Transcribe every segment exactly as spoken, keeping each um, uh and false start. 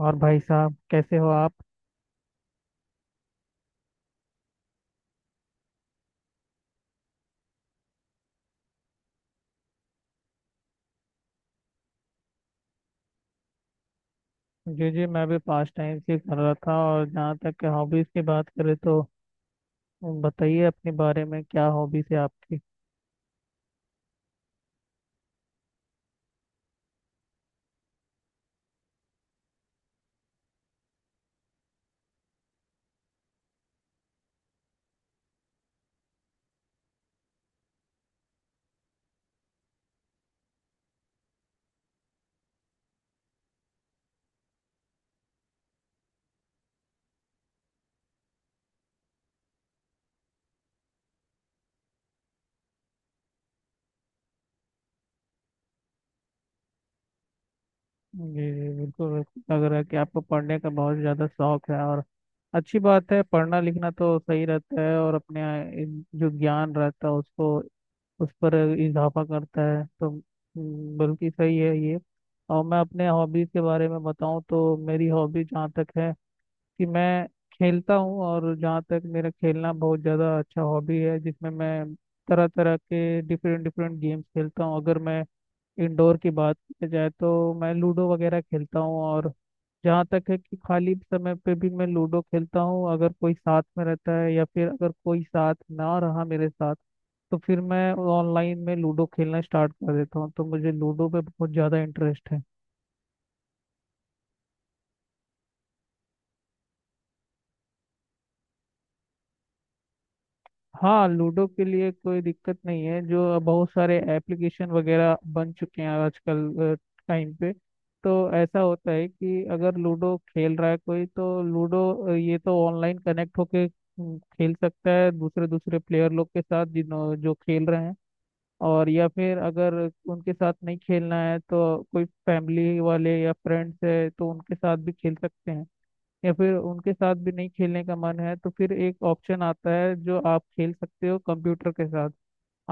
और भाई साहब कैसे हो आप? जी जी, मैं भी पास टाइम से कर रहा था, और जहाँ तक के हॉबीज की बात करें तो बताइए अपने बारे में क्या हॉबीज है आपकी? जी जी, बिल्कुल बिल्कुल, लग रहा है कि आपको पढ़ने का बहुत ज़्यादा शौक है। और अच्छी बात है, पढ़ना लिखना तो सही रहता है, और अपने इन- जो ज्ञान रहता है उसको उस पर इजाफा करता है। तो हम्म, बल्कि सही है ये। और मैं अपने हॉबीज के बारे में बताऊं तो मेरी हॉबी जहाँ तक है कि मैं खेलता हूँ। और जहाँ तक मेरा खेलना बहुत ज़्यादा अच्छा हॉबी है, जिसमें मैं तरह तरह के डिफरेंट डिफरेंट गेम्स खेलता हूँ। अगर मैं इंडोर की बात की जाए तो मैं लूडो वगैरह खेलता हूँ, और जहाँ तक है कि खाली समय पे भी मैं लूडो खेलता हूँ। अगर कोई साथ में रहता है, या फिर अगर कोई साथ ना रहा मेरे साथ तो फिर मैं ऑनलाइन में लूडो खेलना स्टार्ट कर देता हूँ। तो मुझे लूडो पे बहुत ज़्यादा इंटरेस्ट है। हाँ, लूडो के लिए कोई दिक्कत नहीं है, जो बहुत सारे एप्लीकेशन वगैरह बन चुके हैं आजकल टाइम पे। तो ऐसा होता है कि अगर लूडो खेल रहा है कोई तो लूडो अ, ये तो ऑनलाइन कनेक्ट होके अम, खेल सकता है दूसरे दूसरे प्लेयर लोग के साथ जिन्हों जो खेल रहे हैं। और या फिर अगर उनके साथ नहीं खेलना है तो कोई फैमिली वाले या फ्रेंड्स है तो उनके साथ भी खेल सकते हैं। या फिर उनके साथ भी नहीं खेलने का मन है तो फिर एक ऑप्शन आता है, जो आप खेल सकते हो कंप्यूटर के साथ।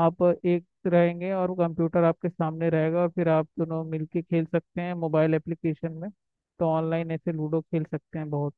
आप एक रहेंगे और कंप्यूटर आपके सामने रहेगा, और फिर आप दोनों मिलके खेल सकते हैं मोबाइल एप्लीकेशन में। तो ऑनलाइन ऐसे लूडो खेल सकते हैं बहुत।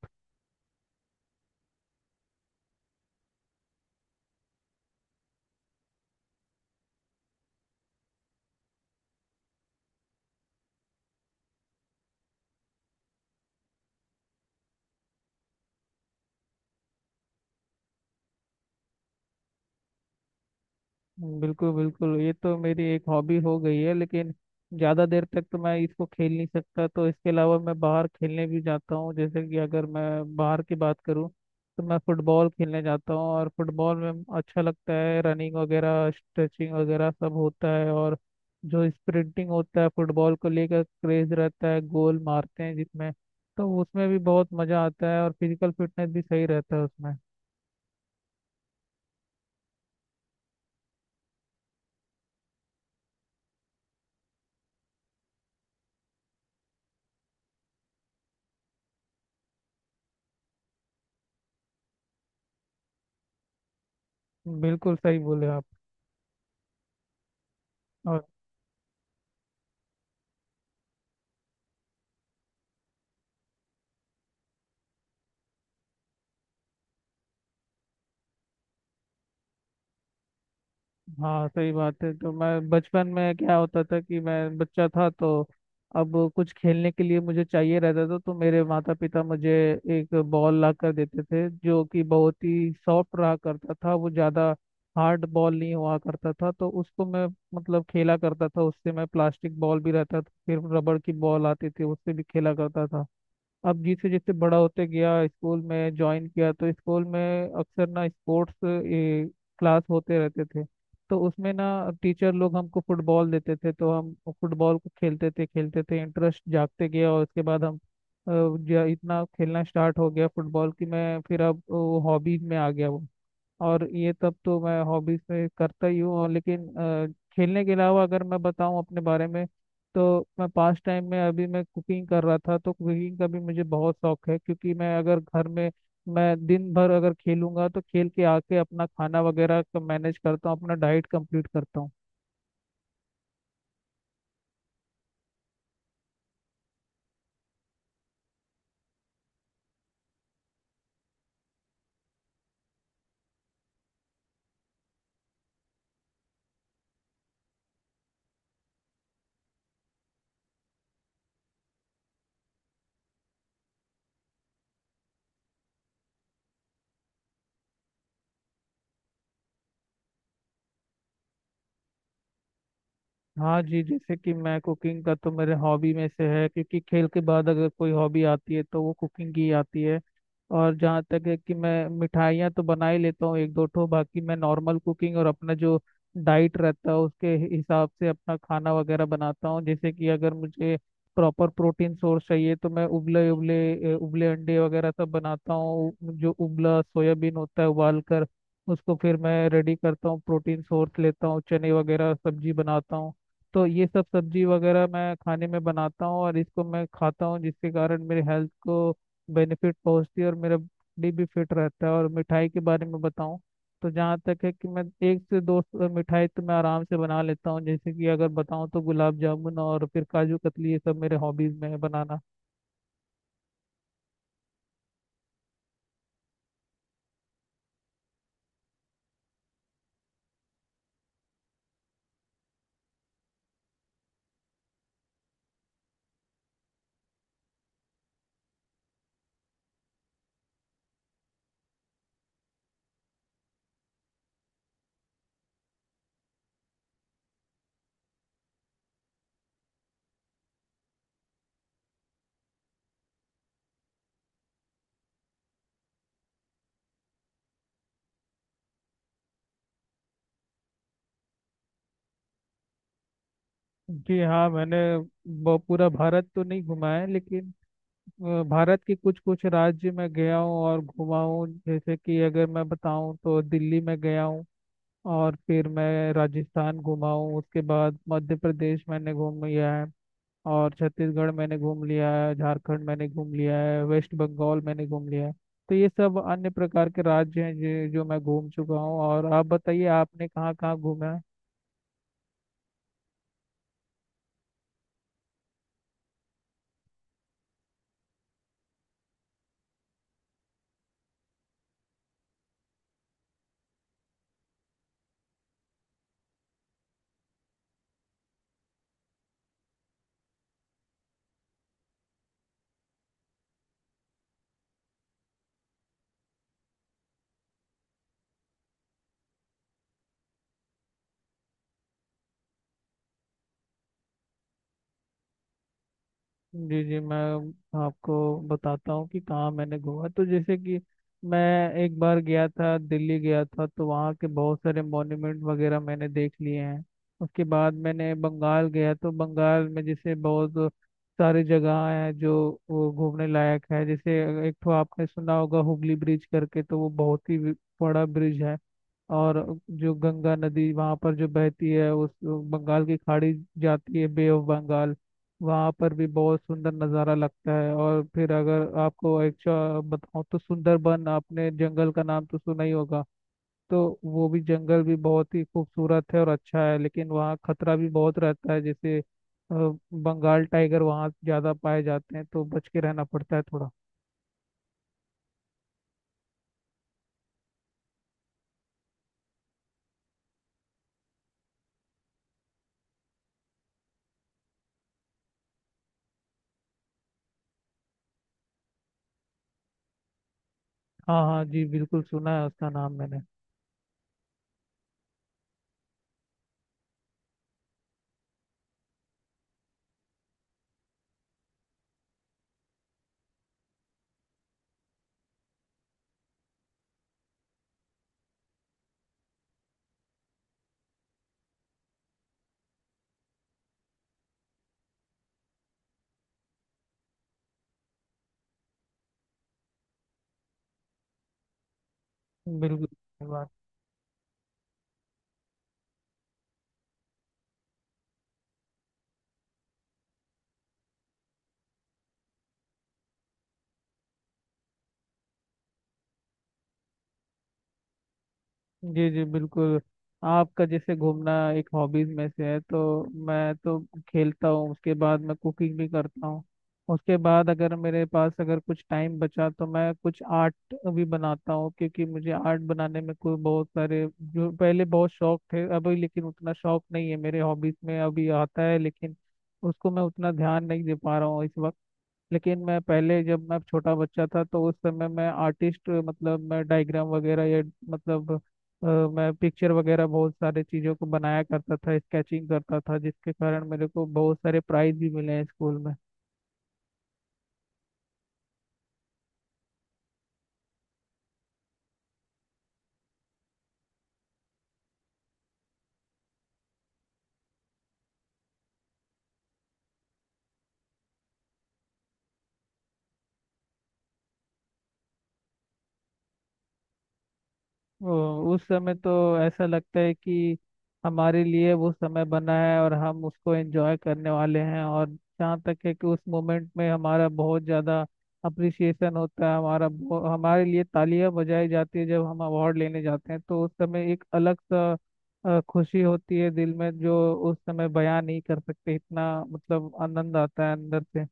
हम्म, बिल्कुल बिल्कुल, ये तो मेरी एक हॉबी हो गई है, लेकिन ज़्यादा देर तक तो मैं इसको खेल नहीं सकता। तो इसके अलावा मैं बाहर खेलने भी जाता हूँ, जैसे कि अगर मैं बाहर की बात करूँ तो मैं फुटबॉल खेलने जाता हूँ। और फुटबॉल में अच्छा लगता है, रनिंग वगैरह स्ट्रेचिंग वगैरह सब होता है। और जो स्प्रिंटिंग होता है फुटबॉल को लेकर क्रेज रहता है, गोल मारते हैं जिसमें, तो उसमें भी बहुत मज़ा आता है। और फिजिकल फिटनेस भी सही रहता है उसमें। बिल्कुल सही बोले आप। और हाँ, सही बात है। तो मैं बचपन में क्या होता था कि मैं बच्चा था तो अब कुछ खेलने के लिए मुझे चाहिए रहता था, तो मेरे माता पिता मुझे एक बॉल ला कर देते थे, जो कि बहुत ही सॉफ्ट रहा करता था, वो ज़्यादा हार्ड बॉल नहीं हुआ करता था। तो उसको मैं मतलब खेला करता था, उससे मैं प्लास्टिक बॉल भी रहता था, फिर रबड़ की बॉल आती थी, उससे भी खेला करता था। अब जैसे जैसे बड़ा होते गया, स्कूल में ज्वाइन किया, तो स्कूल में अक्सर ना स्पोर्ट्स क्लास होते रहते थे, तो उसमें ना टीचर लोग हमको फुटबॉल देते थे, तो हम फुटबॉल को खेलते थे खेलते थे, इंटरेस्ट जागते गया, और उसके बाद हम अ, ज- इतना खेलना स्टार्ट हो गया फुटबॉल की, मैं फिर अब वो हॉबीज में आ गया वो। और ये सब तो मैं हॉबीज में करता ही हूँ और, लेकिन अ, खेलने के अलावा अगर मैं बताऊँ अपने बारे में तो मैं पास टाइम में अभी मैं कुकिंग कर रहा था, तो कुकिंग का भी मुझे बहुत शौक है। क्योंकि मैं अगर घर में मैं दिन भर अगर खेलूंगा तो खेल के आके अपना खाना वगैरह मैनेज करता हूँ, अपना डाइट कंप्लीट करता हूँ। हाँ जी, जैसे कि मैं कुकिंग का तो मेरे हॉबी में से है, क्योंकि खेल के बाद अगर कोई हॉबी आती है तो वो कुकिंग ही आती है। और जहाँ तक है कि मैं मिठाइयाँ तो बना ही लेता हूँ एक दो ठो, बाकी मैं नॉर्मल कुकिंग और अपना जो डाइट रहता है उसके हिसाब से अपना खाना वगैरह बनाता हूँ। जैसे कि अगर मुझे प्रॉपर प्रोटीन सोर्स चाहिए तो मैं उबले उबले अ, उबले अंडे वगैरह सब बनाता हूँ। जो उबला सोयाबीन होता है उबाल कर उसको फिर मैं रेडी करता हूँ, प्रोटीन सोर्स लेता हूँ, चने वगैरह सब्जी बनाता हूँ। तो ये सब सब्जी वगैरह मैं खाने में बनाता हूँ और इसको मैं खाता हूँ जिसके कारण मेरे हेल्थ को बेनिफिट पहुँचती है और मेरा बॉडी भी फिट रहता है। और मिठाई के बारे में बताऊँ तो जहाँ तक है कि मैं एक से दो स- मिठाई तो मैं आराम से बना लेता हूँ। जैसे कि अगर बताऊँ तो गुलाब जामुन और फिर काजू कतली, ये सब मेरे हॉबीज में है बनाना। जी हाँ, मैंने ब- पूरा भारत तो नहीं घुमा है, लेकिन अ, भारत के कुछ कुछ राज्य में गया हूँ और घुमा हूँ। जैसे कि अगर मैं बताऊँ तो दिल्ली में गया हूँ, और फिर मैं राजस्थान घुमा हूँ, उसके बाद मध्य प्रदेश मैंने घूम लिया है, और छत्तीसगढ़ मैंने घूम लिया है, झारखंड मैंने घूम लिया है, वेस्ट बंगाल मैंने घूम लिया है। तो ये सब अन्य प्रकार के राज्य हैं जो जो मैं घूम चुका हूँ। और आप बताइए आपने कहाँ कहाँ घूमा है? जी जी, मैं आपको बताता हूँ कि कहाँ मैंने घूमा। तो जैसे कि मैं एक बार गया था, दिल्ली गया था, तो वहाँ के बहुत सारे मॉन्यूमेंट वगैरह मैंने देख लिए हैं। उसके बाद मैंने बंगाल गया, तो बंगाल में जैसे बहुत सारी जगह है जो वो घूमने लायक है। जैसे एक तो आपने सुना होगा हुगली ब्रिज करके, तो वो बहुत ही बड़ा ब्रिज है। और जो गंगा नदी वहाँ पर जो बहती है उस बंगाल की खाड़ी जाती है बे ऑफ बंगाल, वहाँ पर भी बहुत सुंदर नज़ारा लगता है। और फिर अगर आपको एक्चुअल बताऊँ तो सुंदरबन, आपने जंगल का नाम तो सुना ही होगा, तो वो भी जंगल भी बहुत ही खूबसूरत है और अच्छा है, लेकिन वहाँ खतरा भी बहुत रहता है। जैसे अ, बंगाल टाइगर वहाँ ज़्यादा पाए जाते हैं, तो बच के रहना पड़ता है थोड़ा। हाँ हाँ जी, बिल्कुल सुना है उसका नाम मैंने। बिल्कुल। जी जी बिल्कुल, आपका जैसे घूमना एक हॉबीज में से है, तो मैं तो खेलता हूँ, उसके बाद मैं कुकिंग भी करता हूँ, उसके बाद अगर मेरे पास अगर कुछ टाइम बचा तो मैं कुछ आर्ट भी बनाता हूँ। क्योंकि मुझे आर्ट बनाने में कोई बहुत सारे जो पहले बहुत शौक थे अभी, लेकिन उतना शौक नहीं है, मेरे हॉबीज में अभी आता है लेकिन उसको मैं उतना ध्यान नहीं दे पा रहा हूँ इस वक्त। लेकिन मैं पहले जब मैं छोटा बच्चा था तो उस समय मैं आर्टिस्ट मतलब मैं डायग्राम वगैरह, या मतलब अ, मैं पिक्चर वगैरह बहुत सारे चीज़ों को बनाया करता था, स्केचिंग करता था, जिसके कारण मेरे को बहुत सारे प्राइज भी मिले हैं स्कूल में। वो- उस समय तो ऐसा लगता है कि हमारे लिए वो समय बना है और हम उसको एंजॉय करने वाले हैं। और जहाँ तक है कि उस मोमेंट में हमारा बहुत ज़्यादा अप्रिसिएशन होता है, हमारा बहु- हमारे लिए तालियां बजाई जाती है जब हम अवार्ड लेने जाते हैं। तो उस समय एक अलग सा अ, खुशी होती है दिल में, जो उस समय बयां नहीं कर सकते, इतना मतलब आनंद आता है अंदर से।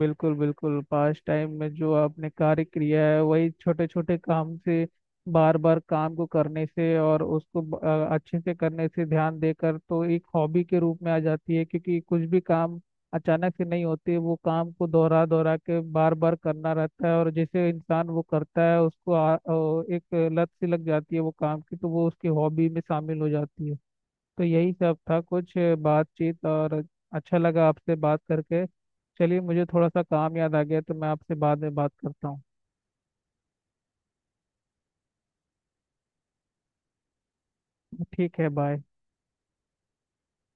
बिल्कुल बिल्कुल, पास टाइम में जो आपने कार्य किया है वही छोटे छोटे काम से बार बार काम को करने से, और उसको ब- अ, अच्छे से करने से, ध्यान देकर, तो एक हॉबी के रूप में आ जाती है। क्योंकि कुछ भी काम अचानक से नहीं होते, वो काम को दोहरा दोहरा के बार बार करना रहता है। और जैसे इंसान वो करता है उसको आ, अ, एक लत सी लग जाती है वो काम की, तो वो उसकी हॉबी में शामिल हो जाती है। तो यही सब था कुछ बातचीत, और अच्छा लगा आपसे बात करके। चलिए, मुझे थोड़ा सा काम याद आ गया, तो मैं आपसे बाद में बात करता हूँ। ठीक है, बाय।